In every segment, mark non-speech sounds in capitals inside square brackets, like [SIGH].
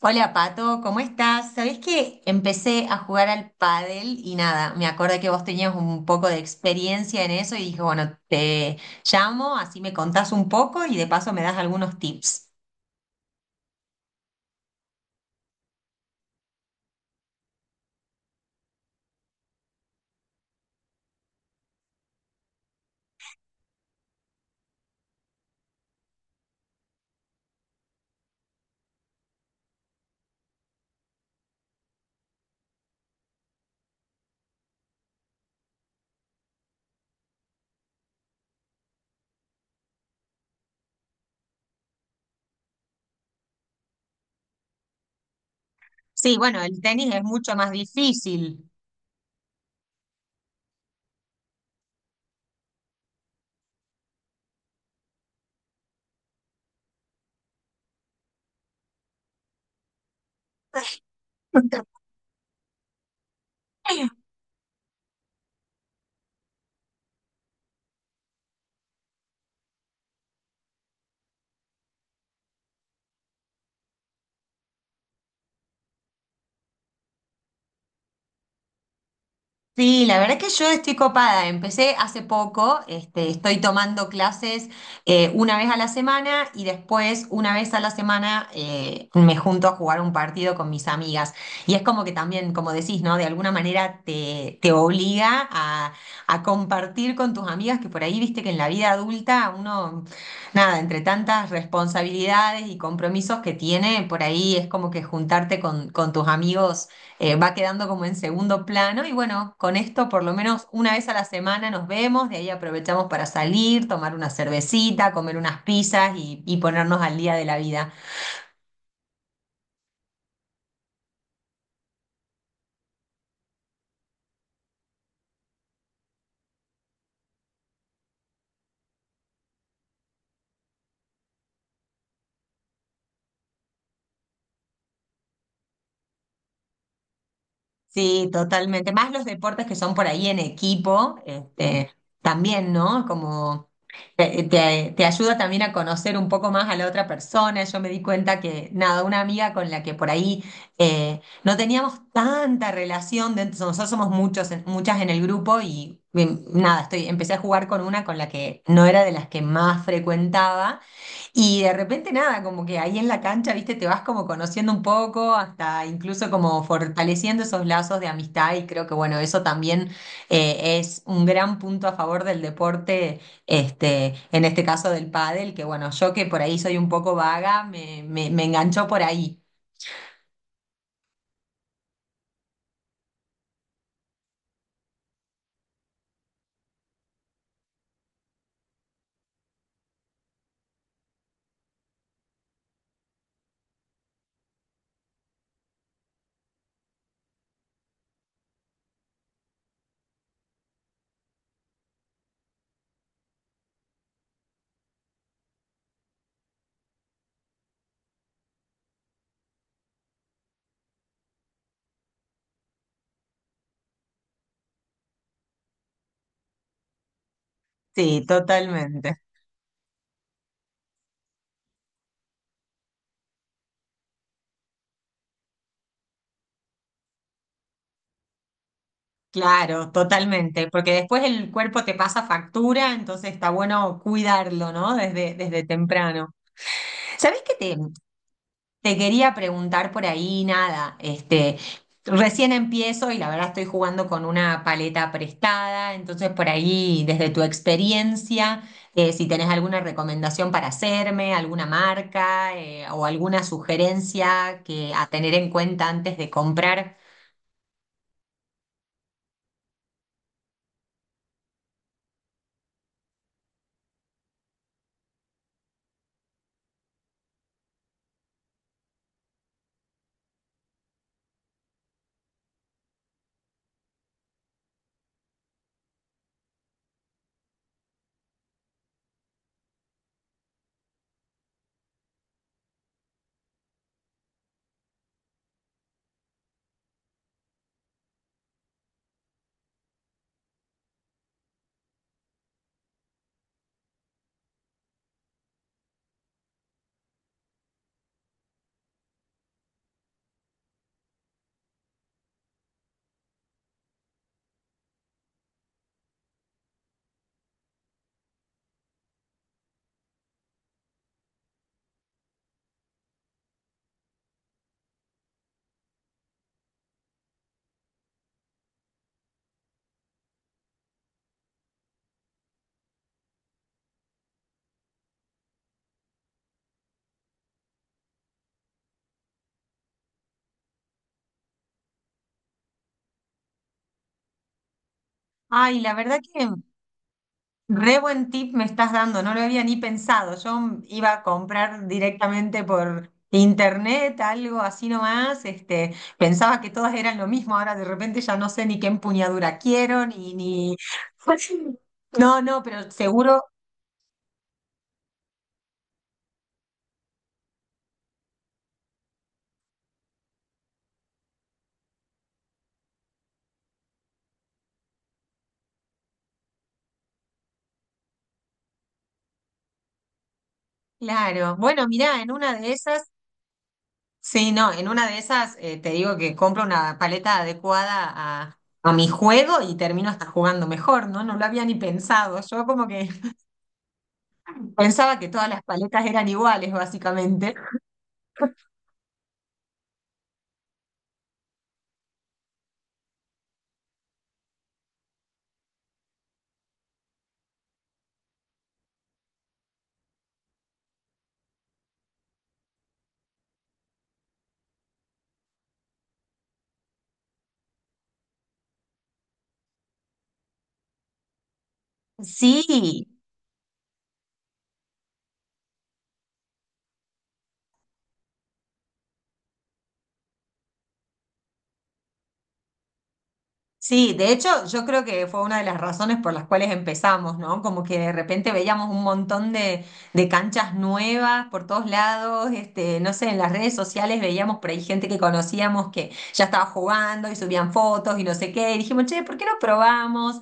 Hola Pato, ¿cómo estás? Sabés que empecé a jugar al pádel y nada, me acordé que vos tenías un poco de experiencia en eso y dije, bueno, te llamo, así me contás un poco y de paso me das algunos tips. Sí, bueno, el tenis es mucho más difícil. Sí, la verdad que yo estoy copada. Empecé hace poco, este, estoy tomando clases una vez a la semana y después una vez a la semana me junto a jugar un partido con mis amigas. Y es como que también, como decís, ¿no? De alguna manera te obliga a compartir con tus amigas que por ahí viste que en la vida adulta uno, nada, entre tantas responsabilidades y compromisos que tiene, por ahí es como que juntarte con tus amigos va quedando como en segundo plano. Y bueno, con esto por lo menos una vez a la semana nos vemos, de ahí aprovechamos para salir, tomar una cervecita, comer unas pizzas y ponernos al día de la vida. Sí, totalmente. Más los deportes que son por ahí en equipo, este, también, ¿no? Como te ayuda también a conocer un poco más a la otra persona. Yo me di cuenta que, nada, una amiga con la que por ahí no teníamos tanta relación, de, nosotros somos muchos, en- muchas en el grupo y, nada, estoy, empecé a jugar con una con la que no era de las que más frecuentaba. Y de repente nada, como que ahí en la cancha, viste, te vas como conociendo un poco, hasta incluso como fortaleciendo esos lazos de amistad y creo que bueno, eso también es un gran punto a favor del deporte, este, en este caso del pádel, que bueno, yo que por ahí soy un poco vaga, me enganchó por ahí. Sí, totalmente. Claro, totalmente, porque después el cuerpo te pasa factura, entonces está bueno cuidarlo, ¿no? Desde, desde temprano. ¿Sabés qué te, te quería preguntar por ahí? Nada, este, recién empiezo y la verdad estoy jugando con una paleta prestada, entonces por ahí, desde tu experiencia, si tenés alguna recomendación para hacerme, alguna marca, o alguna sugerencia que a tener en cuenta antes de comprar. Ay, la verdad que re buen tip me estás dando, no lo había ni pensado. Yo iba a comprar directamente por internet, algo así nomás. Este, pensaba que todas eran lo mismo, ahora de repente ya no sé ni qué empuñadura quiero, ni, ni... [LAUGHS] No, no, pero seguro, claro. Bueno, mirá, en una de esas, sí, no, en una de esas te digo que compro una paleta adecuada a mi juego y termino hasta jugando mejor, ¿no? No lo había ni pensado. Yo como que pensaba que todas las paletas eran iguales, básicamente. Sí, sí, de hecho yo creo que fue una de las razones por las cuales empezamos, ¿no? Como que de repente veíamos un montón de canchas nuevas por todos lados, este, no sé, en las redes sociales veíamos por ahí gente que conocíamos que ya estaba jugando y subían fotos y no sé qué, y dijimos, che, ¿por qué no probamos?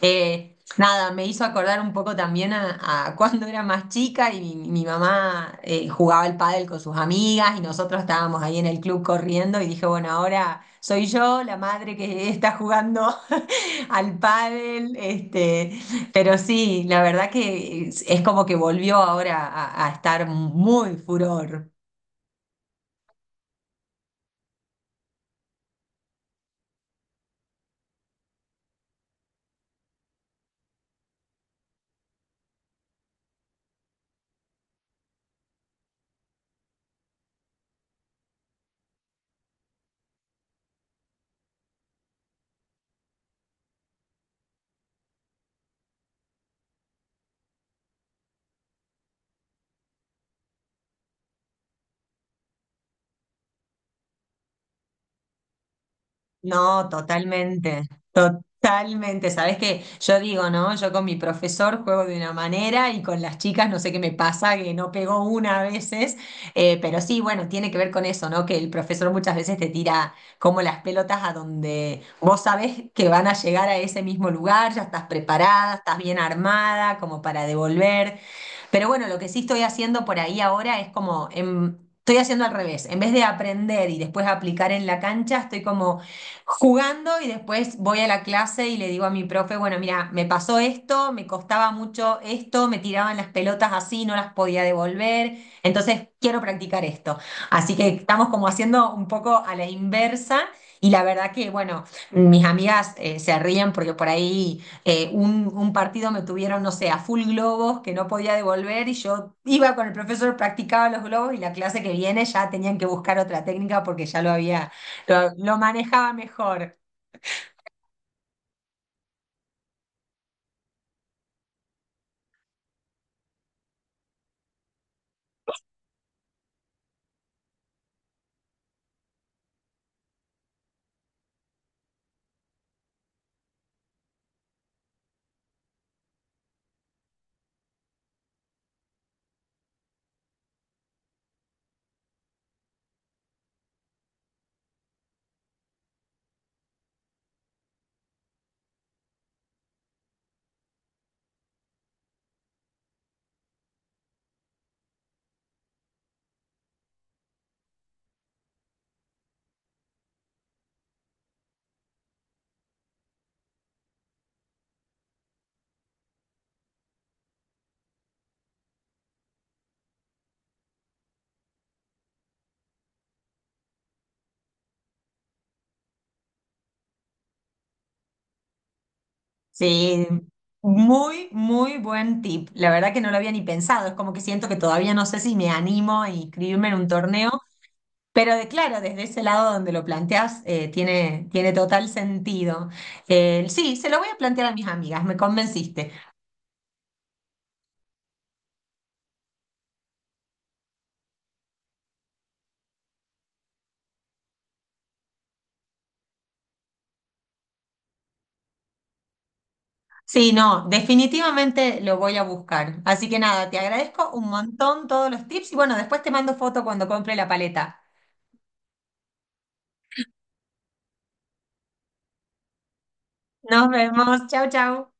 Nada, me hizo acordar un poco también a cuando era más chica y mi mamá jugaba al pádel con sus amigas y nosotros estábamos ahí en el club corriendo y dije, bueno, ahora soy yo la madre que está jugando [LAUGHS] al pádel, este, pero sí, la verdad que es como que volvió ahora a estar muy furor. No, totalmente, totalmente. Sabes que yo digo, ¿no? Yo con mi profesor juego de una manera y con las chicas no sé qué me pasa, que no pego una a veces. Pero sí, bueno, tiene que ver con eso, ¿no? Que el profesor muchas veces te tira como las pelotas a donde vos sabés que van a llegar a ese mismo lugar, ya estás preparada, estás bien armada como para devolver. Pero bueno, lo que sí estoy haciendo por ahí ahora es como, estoy haciendo al revés. En vez de aprender y después aplicar en la cancha, estoy como jugando y después voy a la clase y le digo a mi profe, bueno, mira, me pasó esto, me costaba mucho esto, me tiraban las pelotas así, no las podía devolver, entonces quiero practicar esto. Así que estamos como haciendo un poco a la inversa. Y la verdad que, bueno, mis amigas se ríen porque por ahí un partido me tuvieron, no sé, a full globos que no podía devolver y yo iba con el profesor, practicaba los globos y la clase que viene ya tenían que buscar otra técnica porque ya lo había, lo manejaba mejor. Sí, muy, muy buen tip. La verdad que no lo había ni pensado. Es como que siento que todavía no sé si me animo a inscribirme en un torneo, pero de, claro, desde ese lado donde lo planteas, tiene, tiene total sentido. Sí, se lo voy a plantear a mis amigas, me convenciste. Sí, no, definitivamente lo voy a buscar. Así que nada, te agradezco un montón todos los tips y bueno, después te mando foto cuando compre la paleta. Nos vemos, chau, chau.